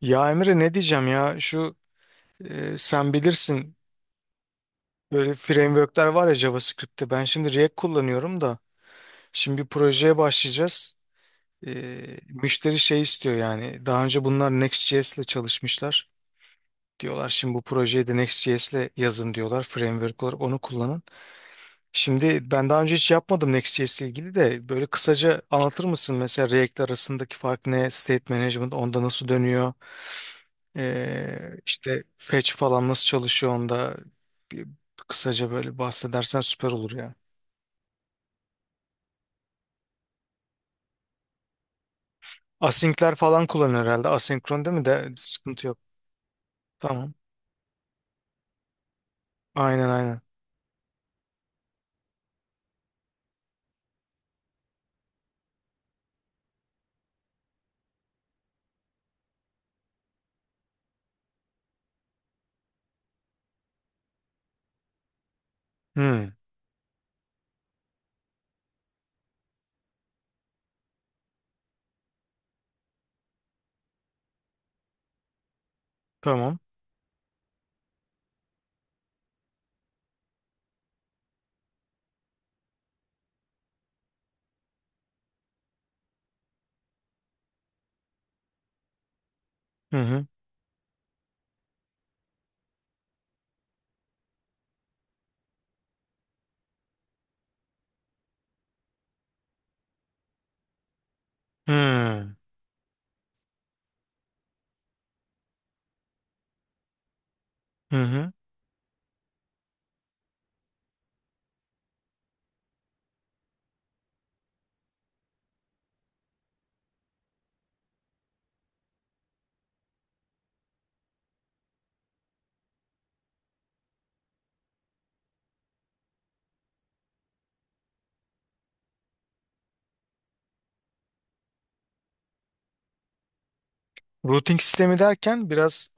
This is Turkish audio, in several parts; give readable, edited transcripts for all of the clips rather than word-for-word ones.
Ya Emre ne diyeceğim ya şu sen bilirsin böyle frameworkler var ya JavaScript'te ben şimdi React kullanıyorum da şimdi bir projeye başlayacağız. E, Müşteri şey istiyor yani daha önce bunlar Next.js ile çalışmışlar. Diyorlar şimdi bu projeyi de Next.js ile yazın diyorlar framework olarak onu kullanın. Şimdi ben daha önce hiç yapmadım Next.js ile ilgili de böyle kısaca anlatır mısın mesela React arasındaki fark ne? State management onda nasıl dönüyor? İşte fetch falan nasıl çalışıyor onda bir kısaca böyle bahsedersen süper olur ya. Async'ler falan kullanıyor herhalde. Asenkron değil mi de sıkıntı yok. Tamam. Aynen aynen. Hı, tamam. Hı hı. Hı hı. Hı. Routing sistemi derken biraz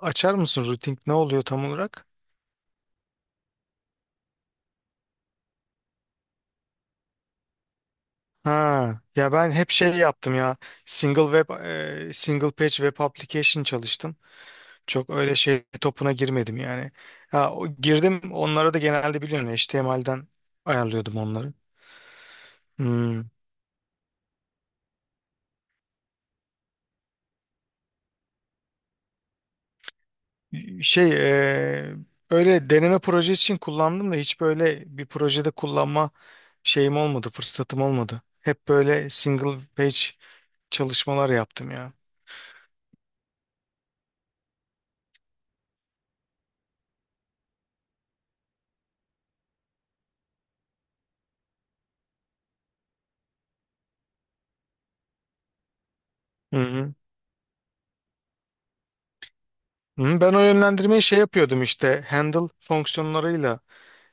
açar mısın? Routing ne oluyor tam olarak? Ha, ya ben hep şey yaptım ya. Single web, Single page web application çalıştım. Çok öyle şey topuna girmedim yani. Ha, girdim onlara da genelde biliyorsun HTML'den ayarlıyordum onları. Hmm. Şey e, öyle deneme projesi için kullandım da hiç böyle bir projede kullanma şeyim olmadı, fırsatım olmadı. Hep böyle single page çalışmalar yaptım ya. Hı hı. Hı, ben o yönlendirmeyi şey yapıyordum işte handle fonksiyonlarıyla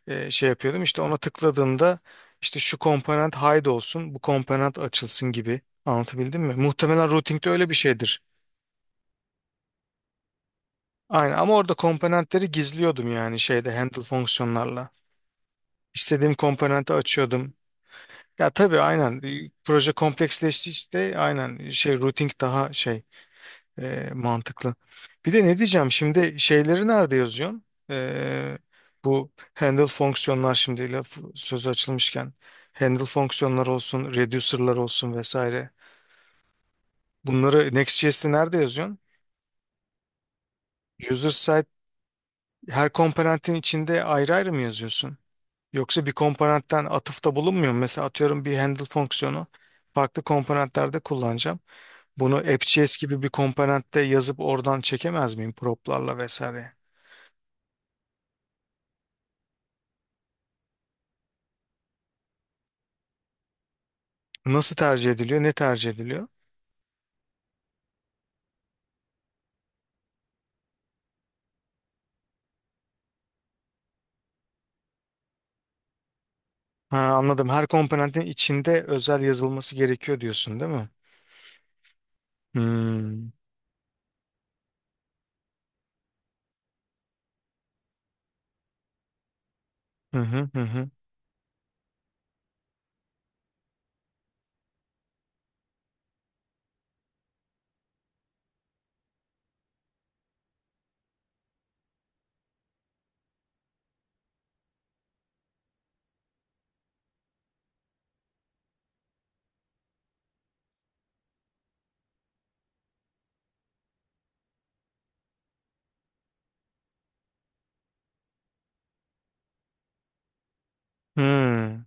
şey yapıyordum. İşte ona tıkladığımda işte şu komponent hide olsun, bu komponent açılsın gibi. Anlatabildim mi? Muhtemelen routing'de öyle bir şeydir. Aynen ama orada komponentleri gizliyordum yani şeyde handle fonksiyonlarla. İstediğim komponenti açıyordum. Ya tabii aynen proje kompleksleşti işte aynen şey routing daha şey mantıklı. Bir de ne diyeceğim şimdi şeyleri nerede yazıyorsun? Bu handle fonksiyonlar şimdi laf sözü açılmışken handle fonksiyonlar olsun, reducer'lar olsun vesaire. Bunları Next.js'te nerede yazıyorsun? User side her komponentin içinde ayrı ayrı mı yazıyorsun? Yoksa bir komponentten atıfta bulunmuyor mu? Mesela atıyorum bir handle fonksiyonu farklı komponentlerde kullanacağım. Bunu AppJS gibi bir komponentte yazıp oradan çekemez miyim prop'larla vesaire? Nasıl tercih ediliyor? Ne tercih ediliyor? Ha, anladım. Her komponentin içinde özel yazılması gerekiyor diyorsun, değil mi? Hmm. Hı hı hı hı. Hmm.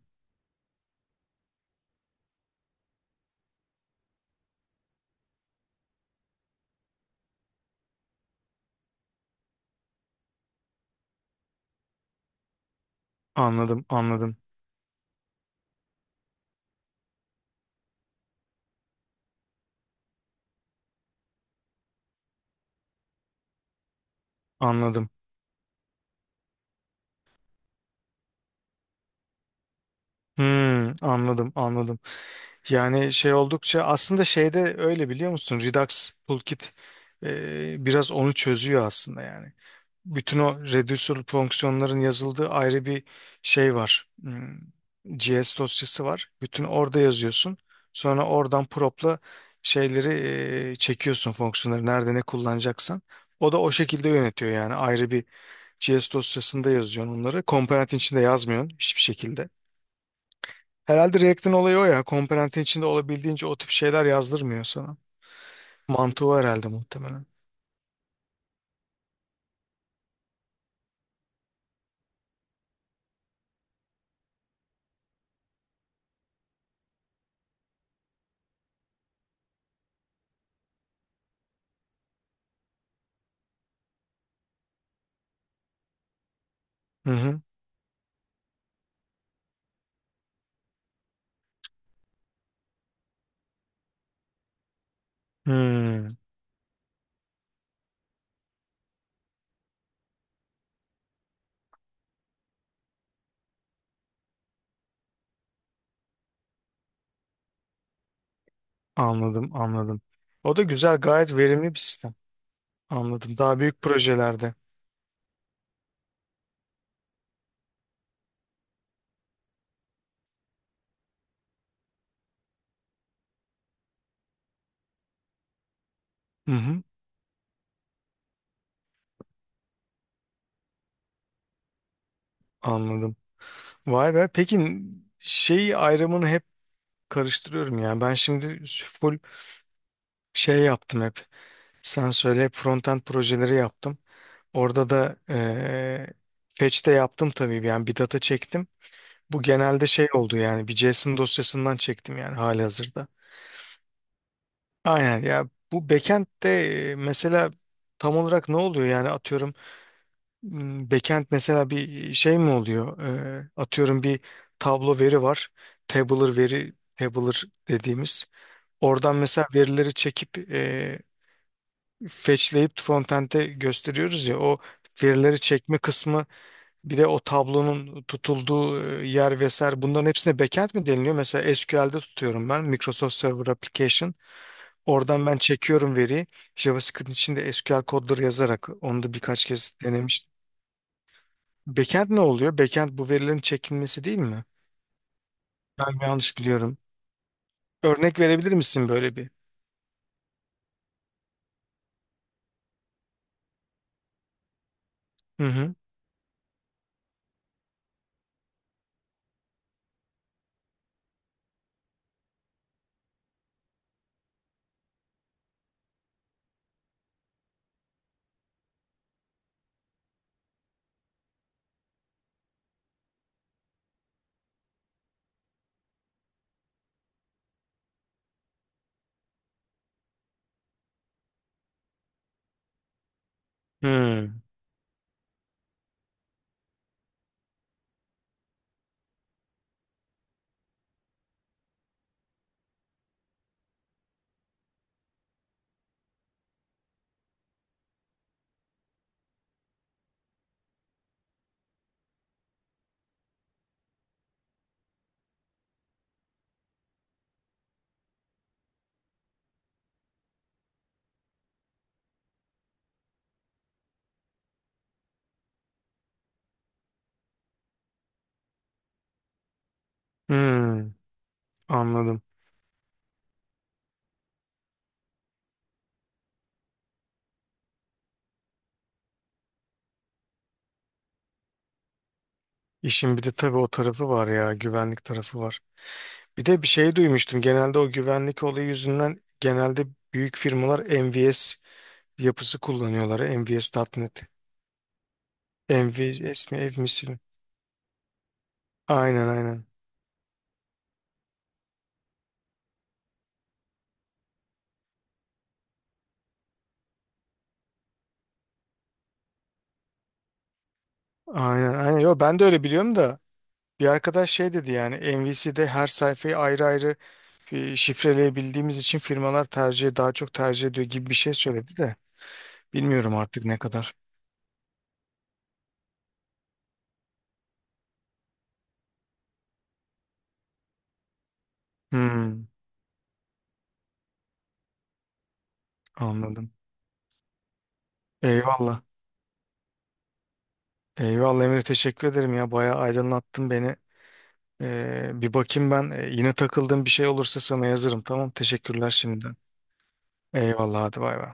Anladım, anladım, anladım. Hmm, anladım, anladım. Yani şey oldukça aslında şeyde öyle biliyor musun? Redux Toolkit biraz onu çözüyor aslında yani. Bütün o reducer fonksiyonların yazıldığı ayrı bir şey var. Hmm, JS dosyası var. Bütün orada yazıyorsun. Sonra oradan prop'la şeyleri çekiyorsun fonksiyonları nerede ne kullanacaksan. O da o şekilde yönetiyor yani ayrı bir JS dosyasında yazıyorsun onları. Komponentin içinde yazmıyorsun hiçbir şekilde. Herhalde React'in olayı o ya. Komponentin içinde olabildiğince o tip şeyler yazdırmıyor sana. Mantığı o herhalde muhtemelen. Hı hı. Hmm, anladım, anladım. O da güzel, gayet verimli bir sistem. Anladım. Daha büyük projelerde. Hı hı. Anladım. Vay be. Peki şey ayrımını hep karıştırıyorum yani. Ben şimdi full şey yaptım hep. Sen söyle hep frontend projeleri yaptım. Orada da fetch'te yaptım tabii. Yani bir data çektim. Bu genelde şey oldu yani bir JSON dosyasından çektim yani halihazırda. Aynen ya bu backend'de mesela tam olarak ne oluyor yani atıyorum backend mesela bir şey mi oluyor? Atıyorum bir tablo veri var. Tabular veri, tabular dediğimiz. Oradan mesela verileri çekip fetchleyip frontend'e gösteriyoruz ya o verileri çekme kısmı. Bir de o tablonun tutulduğu yer vesaire bunların hepsine backend mi deniliyor? Mesela SQL'de tutuyorum ben Microsoft Server Application. Oradan ben çekiyorum veriyi. JavaScript içinde SQL kodları yazarak onu da birkaç kez denemiştim. Backend ne oluyor? Backend bu verilerin çekilmesi değil mi? Ben mi yanlış biliyorum. Örnek verebilir misin böyle bir? Hı hı. Hmm. Hmm. Anladım. İşin bir de tabii o tarafı var ya, güvenlik tarafı var. Bir de bir şey duymuştum. Genelde o güvenlik olayı yüzünden genelde büyük firmalar MVS yapısı kullanıyorlar. MVS.net. MVS mi ev misin? Aynen aynen. Aynen aynen. Yo, ben de öyle biliyorum da bir arkadaş şey dedi yani MVC'de her sayfayı ayrı ayrı şifreleyebildiğimiz için firmalar tercih daha çok tercih ediyor gibi bir şey söyledi de bilmiyorum artık ne kadar. Hmm, anladım. Eyvallah. Eyvallah Emre teşekkür ederim ya bayağı aydınlattın beni. Bir bakayım ben. Yine takıldığım bir şey olursa sana yazarım. Tamam. Teşekkürler şimdiden. Eyvallah. Hadi bay bay.